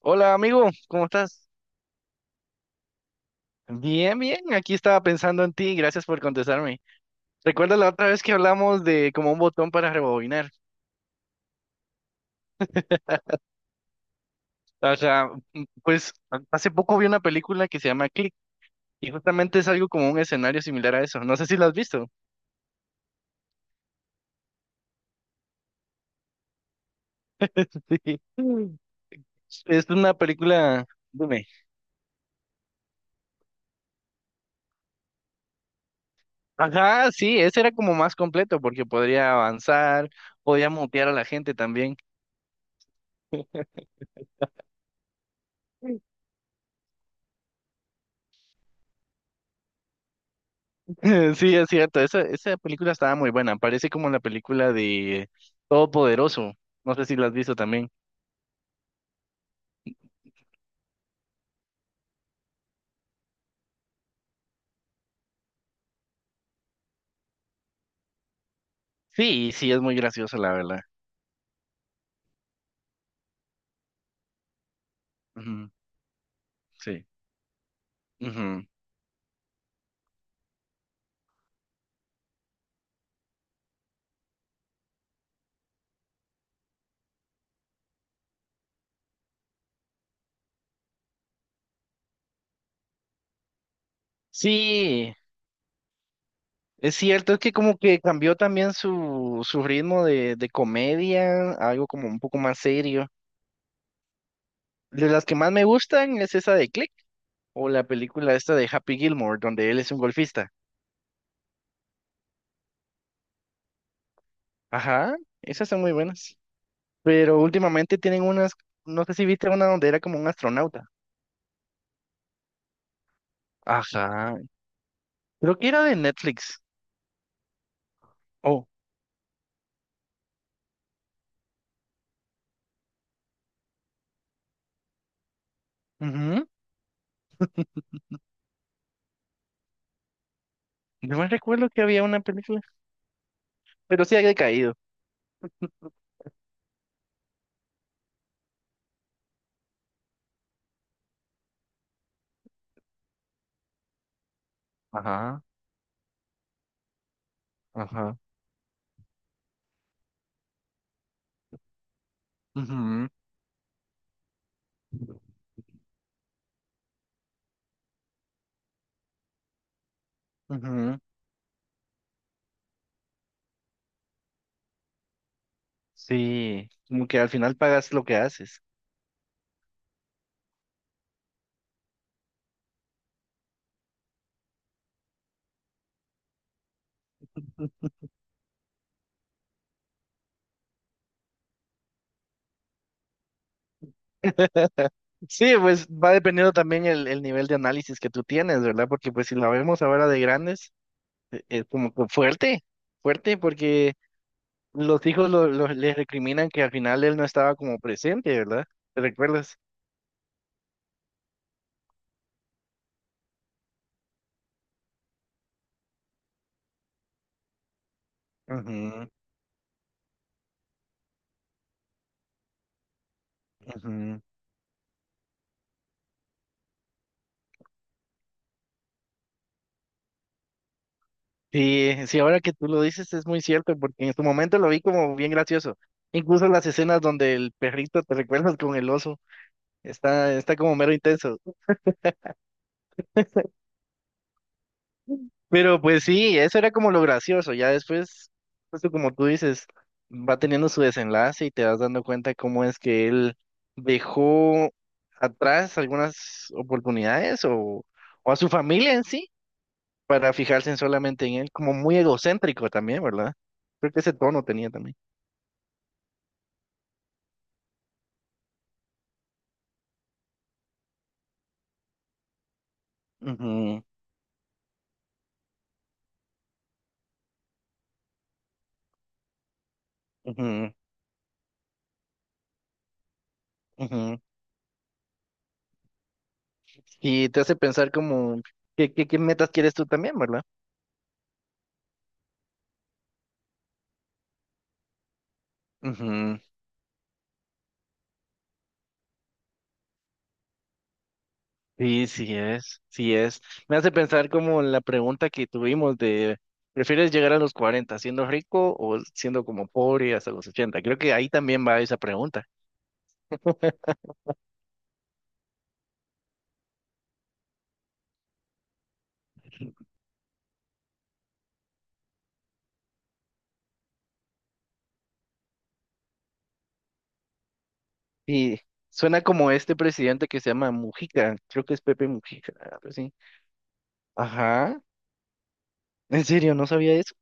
Hola amigo, ¿cómo estás? Bien, bien, aquí estaba pensando en ti, gracias por contestarme. ¿Recuerdas la otra vez que hablamos de como un botón para rebobinar? O sea, Hace poco vi una película que se llama Click y justamente es algo como un escenario similar a eso. No sé si lo has visto. Mm. Es una película, dime. Ajá, sí, ese era como más completo porque podría avanzar, podía mutear a la gente también. Sí, es cierto. Esa película estaba muy buena. Parece como la película de Todopoderoso. No sé si la has visto también. Sí, sí, es muy graciosa, la verdad. Ujú, sí. Ujú. Sí, es cierto. Es que como que cambió también su ritmo de comedia, a algo como un poco más serio. De las que más me gustan es esa de Click o la película esta de Happy Gilmore, donde él es un golfista. Ajá, esas son muy buenas. Pero últimamente tienen unas, no sé si viste una donde era como un astronauta. Ajá, creo que era de Netflix. Oh, ujú. No me recuerdo que había una película, pero sí había caído. Ajá, ajá, ujú, ujú. Sí, como que al final pagas lo que haces. Sí, pues va dependiendo también el nivel de análisis que tú tienes, ¿verdad? Porque pues si la vemos ahora de grandes, es como que fuerte, fuerte, porque los hijos les recriminan que al final él no estaba como presente, ¿verdad? ¿Te recuerdas? Ujú, ujú. Sí, sí, ahora que tú lo dices es muy cierto, porque en su momento lo vi como bien gracioso. Incluso las escenas donde el perrito te recuerdas con el oso, está, está como mero intenso. Pero pues sí, eso era como lo gracioso. Ya después, justo como tú dices, va teniendo su desenlace y te vas dando cuenta cómo es que él dejó atrás algunas oportunidades o a su familia en sí para fijarse en solamente en él, como muy egocéntrico también, ¿verdad? Creo que ese tono tenía también. Ujú. Ujú, ujú. Y te hace pensar como, ¿qué metas quieres tú también, verdad? Ujú. Sí, sí es, sí es. Me hace pensar como la pregunta que tuvimos de, ¿prefieres llegar a los 40 siendo rico o siendo como pobre hasta los 80? Creo que ahí también va esa pregunta. Y suena como este presidente que se llama Mujica, creo que es Pepe Mujica, algo así. Ajá, en serio, no sabía eso.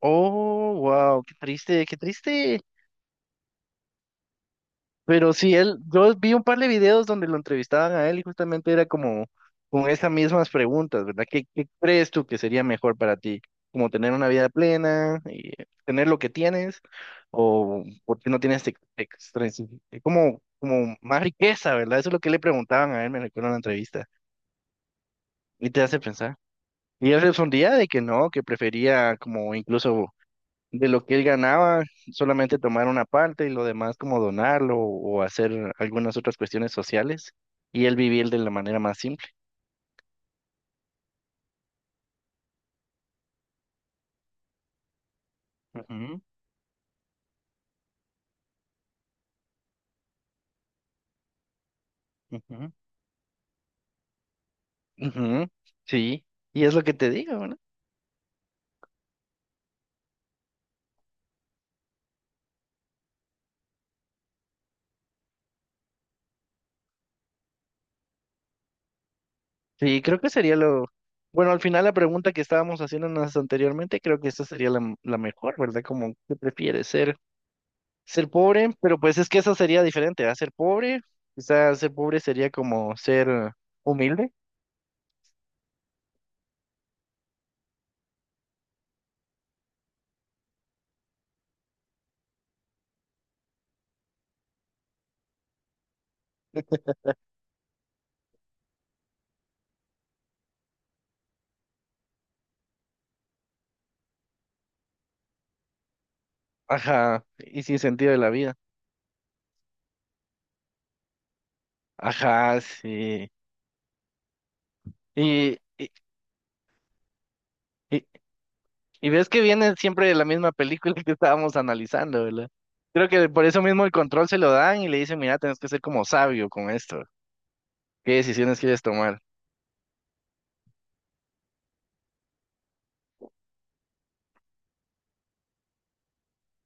Oh, wow, qué triste, qué triste. Pero sí, él, yo vi un par de videos donde lo entrevistaban a él y justamente era como con esas mismas preguntas, ¿verdad? ¿Qué crees tú que sería mejor para ti? ¿Como tener una vida plena y tener lo que tienes? ¿O por qué no tienes como, como más riqueza, verdad? Eso es lo que le preguntaban a él, me recuerdo en la entrevista. Y te hace pensar. Y él respondía de que no, que prefería como incluso de lo que él ganaba, solamente tomar una parte y lo demás como donarlo o hacer algunas otras cuestiones sociales y él vivir de la manera más simple. Ujú, ujú, ujú, sí, y es lo que te digo, ¿no? Sí, creo que sería lo... Bueno, al final la pregunta que estábamos haciéndonos anteriormente, creo que esta sería la mejor, ¿verdad? Como, ¿qué prefieres? Ser, ser pobre, pero pues es que esa sería diferente, ¿ah? Ser pobre, quizás ser pobre sería como ser humilde, ajá, y sin sentido de la vida. Ajá, sí. Y, y, y, y ves que viene siempre la misma película que estábamos analizando, ¿verdad? Creo que por eso mismo el control se lo dan y le dicen, mira, tienes que ser como sabio con esto. ¿Qué decisiones quieres tomar?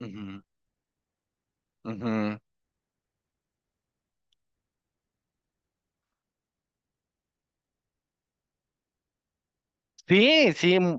Ujú, ujú. Sí, sí, m-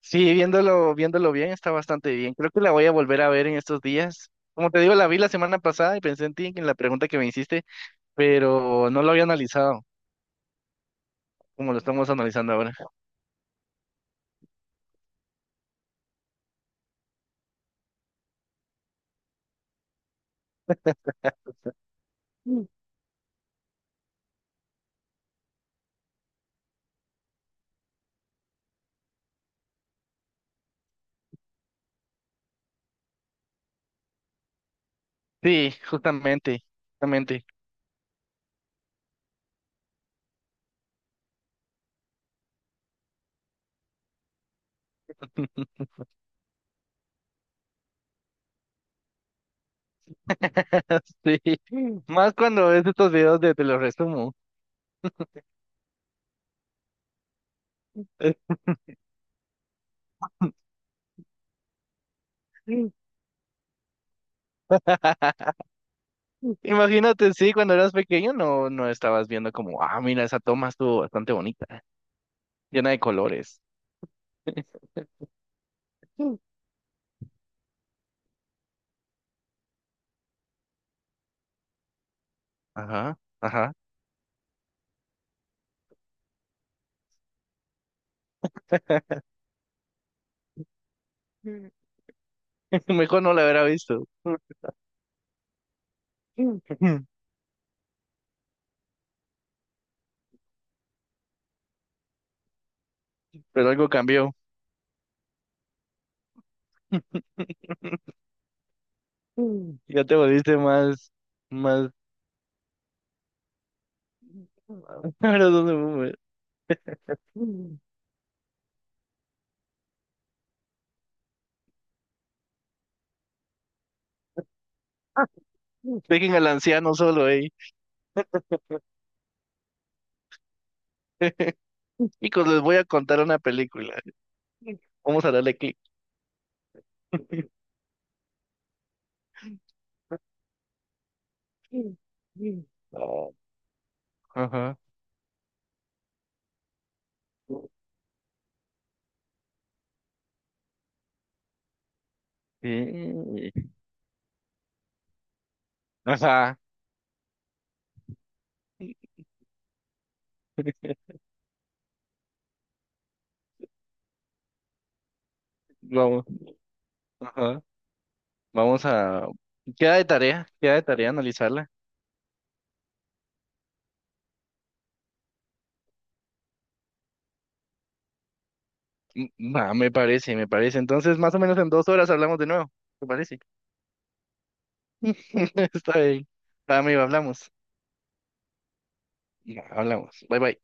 sí, viéndolo bien, está bastante bien. Creo que la voy a volver a ver en estos días. Como te digo, la vi la semana pasada y pensé en ti, en la pregunta que me hiciste, pero no lo había analizado como lo estamos analizando ahora. Mm. Sí, justamente, justamente. Sí, más cuando ves estos videos de te los resumo. Imagínate, sí, cuando eras pequeño no, no estabas viendo como, ah, mira, esa toma estuvo bastante bonita, llena de colores. Mm. Ajá, ajá. Mm. Mejor no la hubiera visto. Mm. Pero algo cambió. Mm. Ya te volviste más, más. ¿Ahora dónde voy? Mm. Dejen al anciano solo ahí. Chicos, les voy a contar una película. Vamos a darle clic. No, ajá. Sí. Ajá. Vamos. Ajá. Vamos a... queda de tarea analizarla. Mm, ah, me parece, me parece. Entonces, más o menos en 2 horas hablamos de nuevo. ¿Te parece? Está bien. Amigo, hablamos. Ya, hablamos. Bye bye.